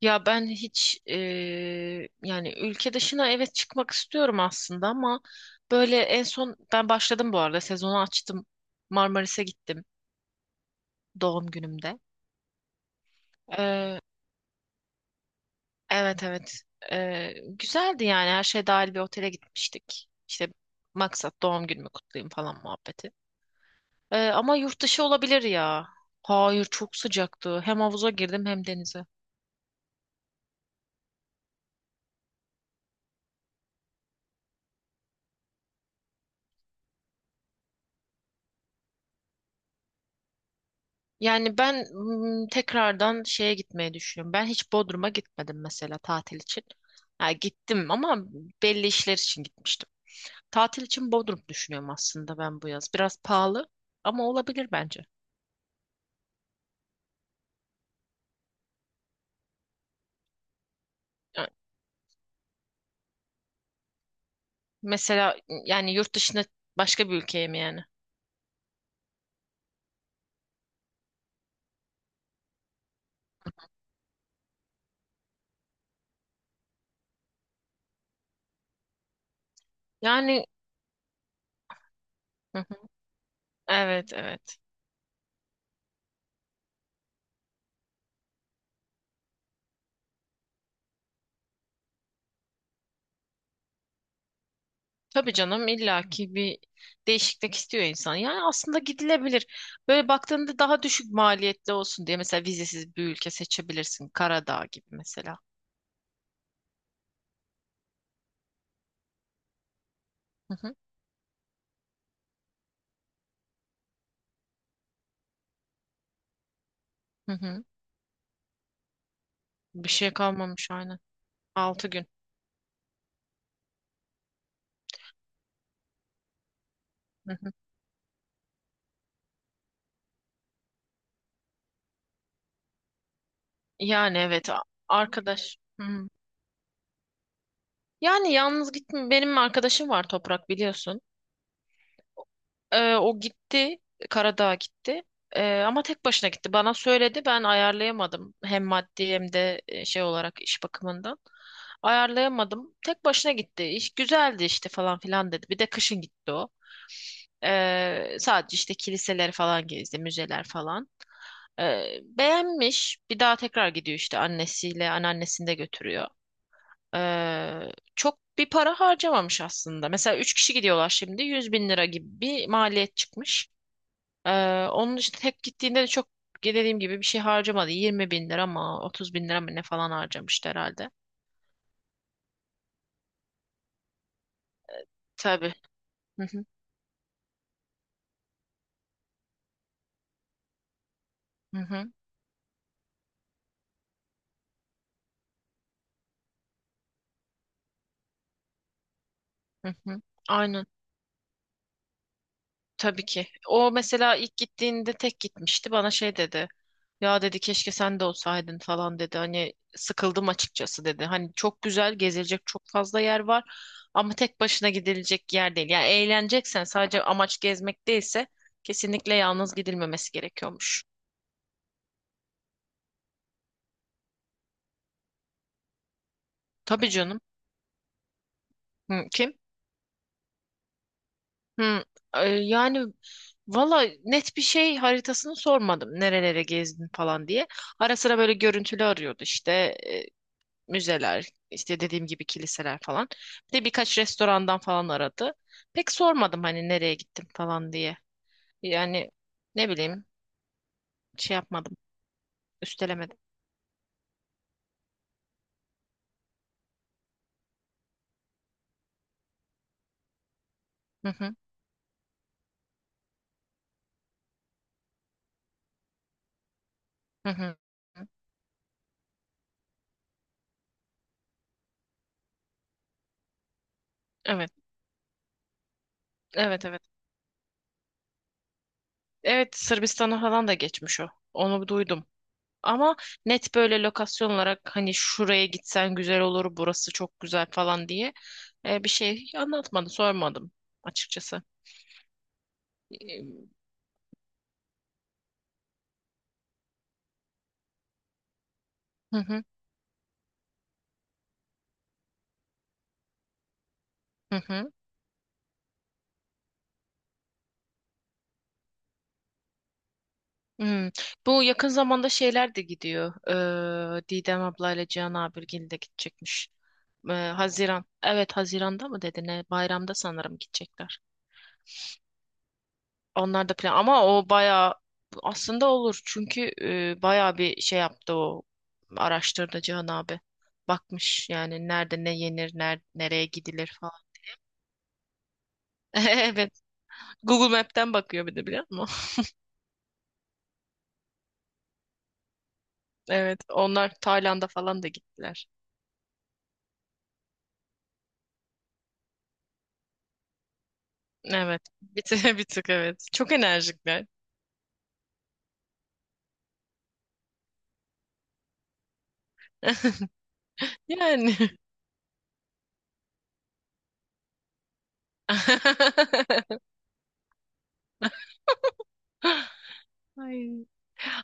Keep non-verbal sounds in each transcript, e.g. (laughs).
Ya ben hiç, yani ülke dışına, evet, çıkmak istiyorum aslında ama böyle en son ben başladım bu arada, sezonu açtım, Marmaris'e gittim doğum günümde. Eee, evet, evet. Güzeldi yani, her şey dahil bir otele gitmiştik. İşte maksat doğum günümü kutlayayım falan muhabbeti. Ama yurt dışı olabilir ya. Hayır, çok sıcaktı, hem havuza girdim hem denize. Yani ben tekrardan şeye gitmeyi düşünüyorum. Ben hiç Bodrum'a gitmedim mesela tatil için. Ha, gittim ama belli işler için gitmiştim. Tatil için Bodrum düşünüyorum aslında ben bu yaz. Biraz pahalı ama olabilir bence. Yani mesela, yani yurt dışına, başka bir ülkeye mi yani? Yani, hı hı, evet evet. Tabii canım, illaki bir değişiklik istiyor insan. Yani aslında gidilebilir. Böyle baktığında daha düşük maliyetli olsun diye mesela vizesiz bir ülke seçebilirsin. Karadağ gibi mesela. Hı hı, hı hı. Bir şey kalmamış, aynen. Altı gün. Hı hı. Yani evet, arkadaş. Hı hı. Yani yalnız gitme. Benim arkadaşım var, Toprak, biliyorsun. O gitti. Karadağ'a gitti. Ama tek başına gitti. Bana söyledi, ben ayarlayamadım. Hem maddi hem de şey olarak iş bakımından. Ayarlayamadım. Tek başına gitti. İş güzeldi işte falan filan dedi. Bir de kışın gitti o. Sadece işte kiliseleri falan gezdi, müzeler falan. Beğenmiş. Bir daha tekrar gidiyor işte, annesiyle anneannesini de götürüyor. Çok bir para harcamamış aslında. Mesela 3 kişi gidiyorlar şimdi. Yüz bin lira gibi bir maliyet çıkmış. Onun için tek gittiğinde de çok, dediğim gibi, bir şey harcamadı. Yirmi bin lira mı, 30 bin lira mı ne falan harcamıştı herhalde. Tabii. Hı hı, hı hı, hı hı. Aynen. Tabii ki. O mesela ilk gittiğinde tek gitmişti. Bana şey dedi. Ya dedi, keşke sen de olsaydın falan dedi. Hani sıkıldım açıkçası dedi. Hani çok güzel gezilecek çok fazla yer var ama tek başına gidilecek yer değil. Yani eğleneceksen, sadece amaç gezmek değilse, kesinlikle yalnız gidilmemesi gerekiyormuş. Tabii canım. Hı, kim? Hı, yani valla net bir şey, haritasını sormadım. Nerelere gezdin falan diye. Ara sıra böyle görüntülü arıyordu işte. Ee, Müzeler, işte dediğim gibi kiliseler falan. Bir de birkaç restorandan falan aradı. Pek sormadım hani nereye gittim falan diye. Yani ne bileyim, şey yapmadım, üstelemedim. Hı hı, hı hı. Evet, evet, evet. Evet, Sırbistan'a falan da geçmiş o. Onu duydum. Ama net böyle lokasyon olarak hani şuraya gitsen güzel olur, burası çok güzel falan diye bir şey anlatmadı, sormadım açıkçası. E, Hı hı, hı hı. Hmm. Bu yakın zamanda şeyler de gidiyor. Didem ablayla Cihan Abirgil de gidecekmiş. Haziran. Evet, Haziran'da mı dedi ne? Bayramda sanırım gidecekler. Onlar da plan ama o bayağı, aslında olur. Çünkü bayağı bir şey yaptı o. Araştırdı Cihan abi. Bakmış yani nerede ne yenir, nereye gidilir falan. (laughs) Evet. Google Map'ten bakıyor bir de, biliyor musun? (laughs) Evet. Onlar Tayland'a falan da gittiler. Evet. Bir tık, (laughs) bir tık evet. Çok enerjikler. (laughs) Yani. (laughs) Ay.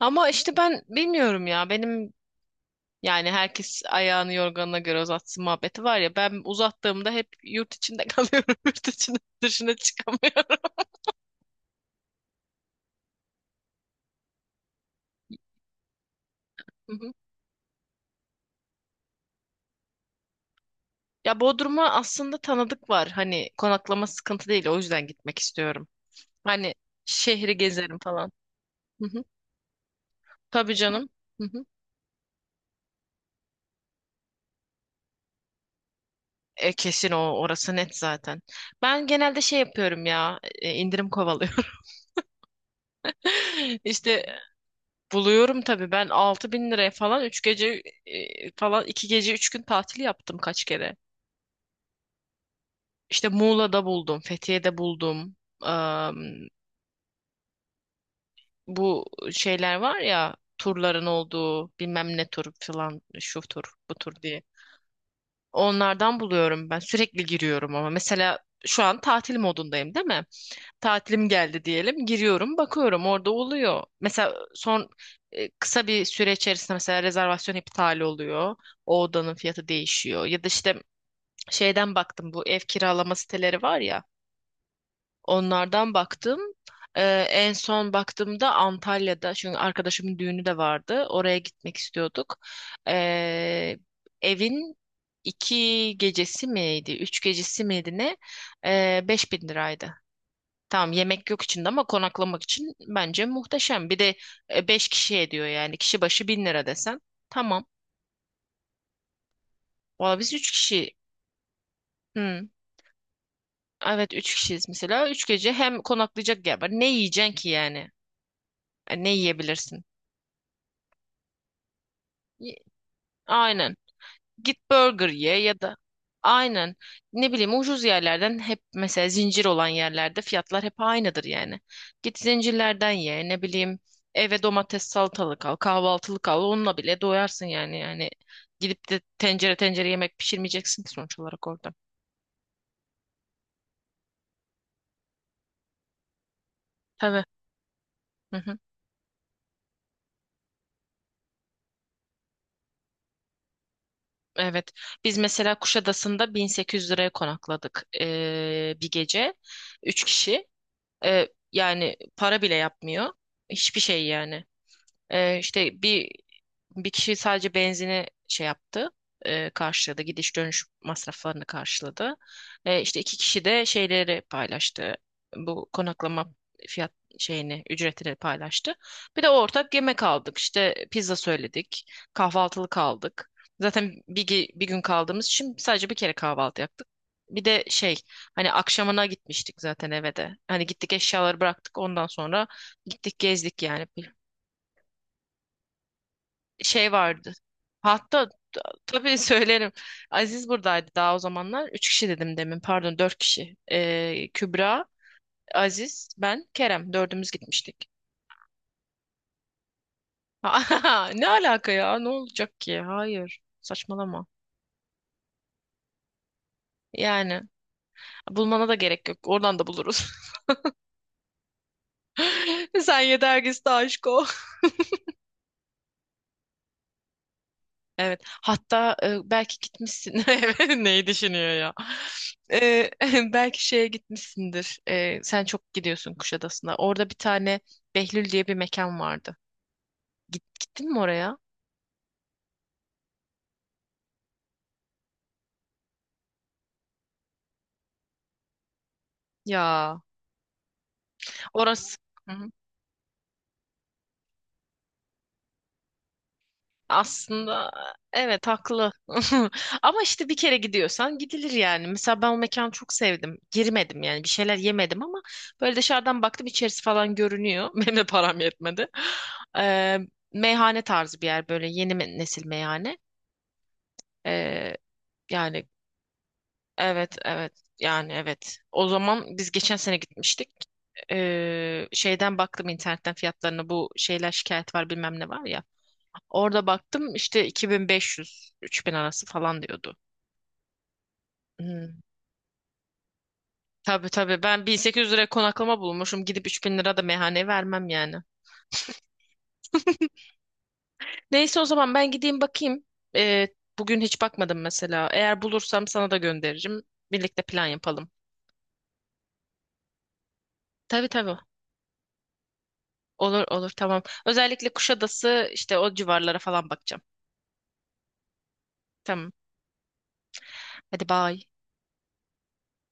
Ama işte ben bilmiyorum ya. Benim, yani herkes ayağını yorganına göre uzatsın muhabbeti var ya. Ben uzattığımda hep yurt içinde (laughs) kalıyorum. Yurt içinde, dışına çıkamıyorum. Hı hı. Ya Bodrum'a aslında tanıdık var. Hani konaklama sıkıntı değil. O yüzden gitmek istiyorum. Hani şehri gezerim falan. Hı hı. Tabii canım. Hı hı. E, kesin, o orası net zaten. Ben genelde şey yapıyorum ya, indirim kovalıyorum. (laughs) İşte buluyorum tabii, ben altı bin liraya falan 3 gece, falan 2 gece 3 gün tatil yaptım kaç kere. İşte Muğla'da buldum, Fethiye'de buldum. Bu şeyler var ya, turların olduğu, bilmem ne tur falan, şu tur bu tur diye. Onlardan buluyorum, ben sürekli giriyorum ama mesela şu an tatil modundayım değil mi? Tatilim geldi diyelim. Giriyorum, bakıyorum, orada oluyor. Mesela son, kısa bir süre içerisinde mesela rezervasyon iptal oluyor. O odanın fiyatı değişiyor. Ya da işte şeyden baktım, bu ev kiralama siteleri var ya. Onlardan baktım. E, En son baktığımda Antalya'da, çünkü arkadaşımın düğünü de vardı. Oraya gitmek istiyorduk. E, Evin iki gecesi miydi, üç gecesi miydi ne? Beş bin liraydı. Tamam, yemek yok içinde ama konaklamak için bence muhteşem. Bir de 5 kişi ediyor, yani kişi başı 1000 lira desen. Tamam. Valla biz 3 kişi. Hı. Evet, 3 kişiyiz mesela. Üç gece hem konaklayacak yer var. Ne yiyeceksin ki yani? E, ne yiyebilirsin? Y- Aynen. Git burger ye ya da, aynen, ne bileyim, ucuz yerlerden, hep mesela zincir olan yerlerde fiyatlar hep aynıdır yani. Git zincirlerden ye, ne bileyim, eve domates salatalık al, kahvaltılık al, onunla bile doyarsın yani. Yani gidip de tencere tencere yemek pişirmeyeceksin ki sonuç olarak orada. Tabii. Hı hı. Evet. Biz mesela Kuşadası'nda 1800 liraya konakladık bir gece. Üç kişi. Yani para bile yapmıyor. Hiçbir şey yani. İşte bir kişi sadece benzini şey yaptı, karşıladı, gidiş dönüş masraflarını karşıladı. İşte iki kişi de şeyleri paylaştı, bu konaklama fiyat şeyini, ücretini paylaştı. Bir de ortak yemek aldık, işte pizza söyledik, kahvaltılık aldık. Zaten bir, bir gün kaldığımız için sadece bir kere kahvaltı yaptık. Bir de şey, hani akşamına gitmiştik zaten eve de. Hani gittik, eşyaları bıraktık, ondan sonra gittik gezdik yani, şey vardı. Hatta, tabii söylerim. Aziz buradaydı daha o zamanlar. Üç kişi dedim demin. Pardon, dört kişi. Kübra, Aziz, ben, Kerem. Dördümüz gitmiştik. (laughs) Ne alaka ya? Ne olacak ki? Hayır. Saçmalama. Yani bulmana da gerek yok. Oradan da buluruz. (laughs) Sen yeter ki işte aşk ol. Evet. Hatta belki gitmişsin. (laughs) Evet, neyi düşünüyor ya? E, (laughs) belki şeye gitmişsindir. E, sen çok gidiyorsun Kuşadası'na. Orada bir tane Behlül diye bir mekan vardı. Gittin mi oraya? Ya. Orası. Aslında evet, haklı. (laughs) Ama işte bir kere gidiyorsan gidilir yani. Mesela ben o mekanı çok sevdim. Girmedim yani, bir şeyler yemedim ama böyle dışarıdan baktım, içerisi falan görünüyor. (laughs) Benim de param yetmedi. Ee, Meyhane tarzı bir yer, böyle yeni nesil meyhane. Ee, Yani, evet evet, yani evet. O zaman biz geçen sene gitmiştik. Şeyden baktım internetten fiyatlarına, bu şeyler şikayet var bilmem ne var ya. Orada baktım, işte 2500-3000 arası falan diyordu. Hmm. Tabii tabii, ben 1800 liraya konaklama bulmuşum, gidip 3000 lira da meyhaneye vermem yani. Neyse, o zaman ben gideyim bakayım. Ee, Bugün hiç bakmadım mesela. Eğer bulursam sana da gönderirim. Birlikte plan yapalım. Tabii tabii, olur olur, tamam. Özellikle Kuşadası işte, o civarlara falan bakacağım. Tamam, hadi bye.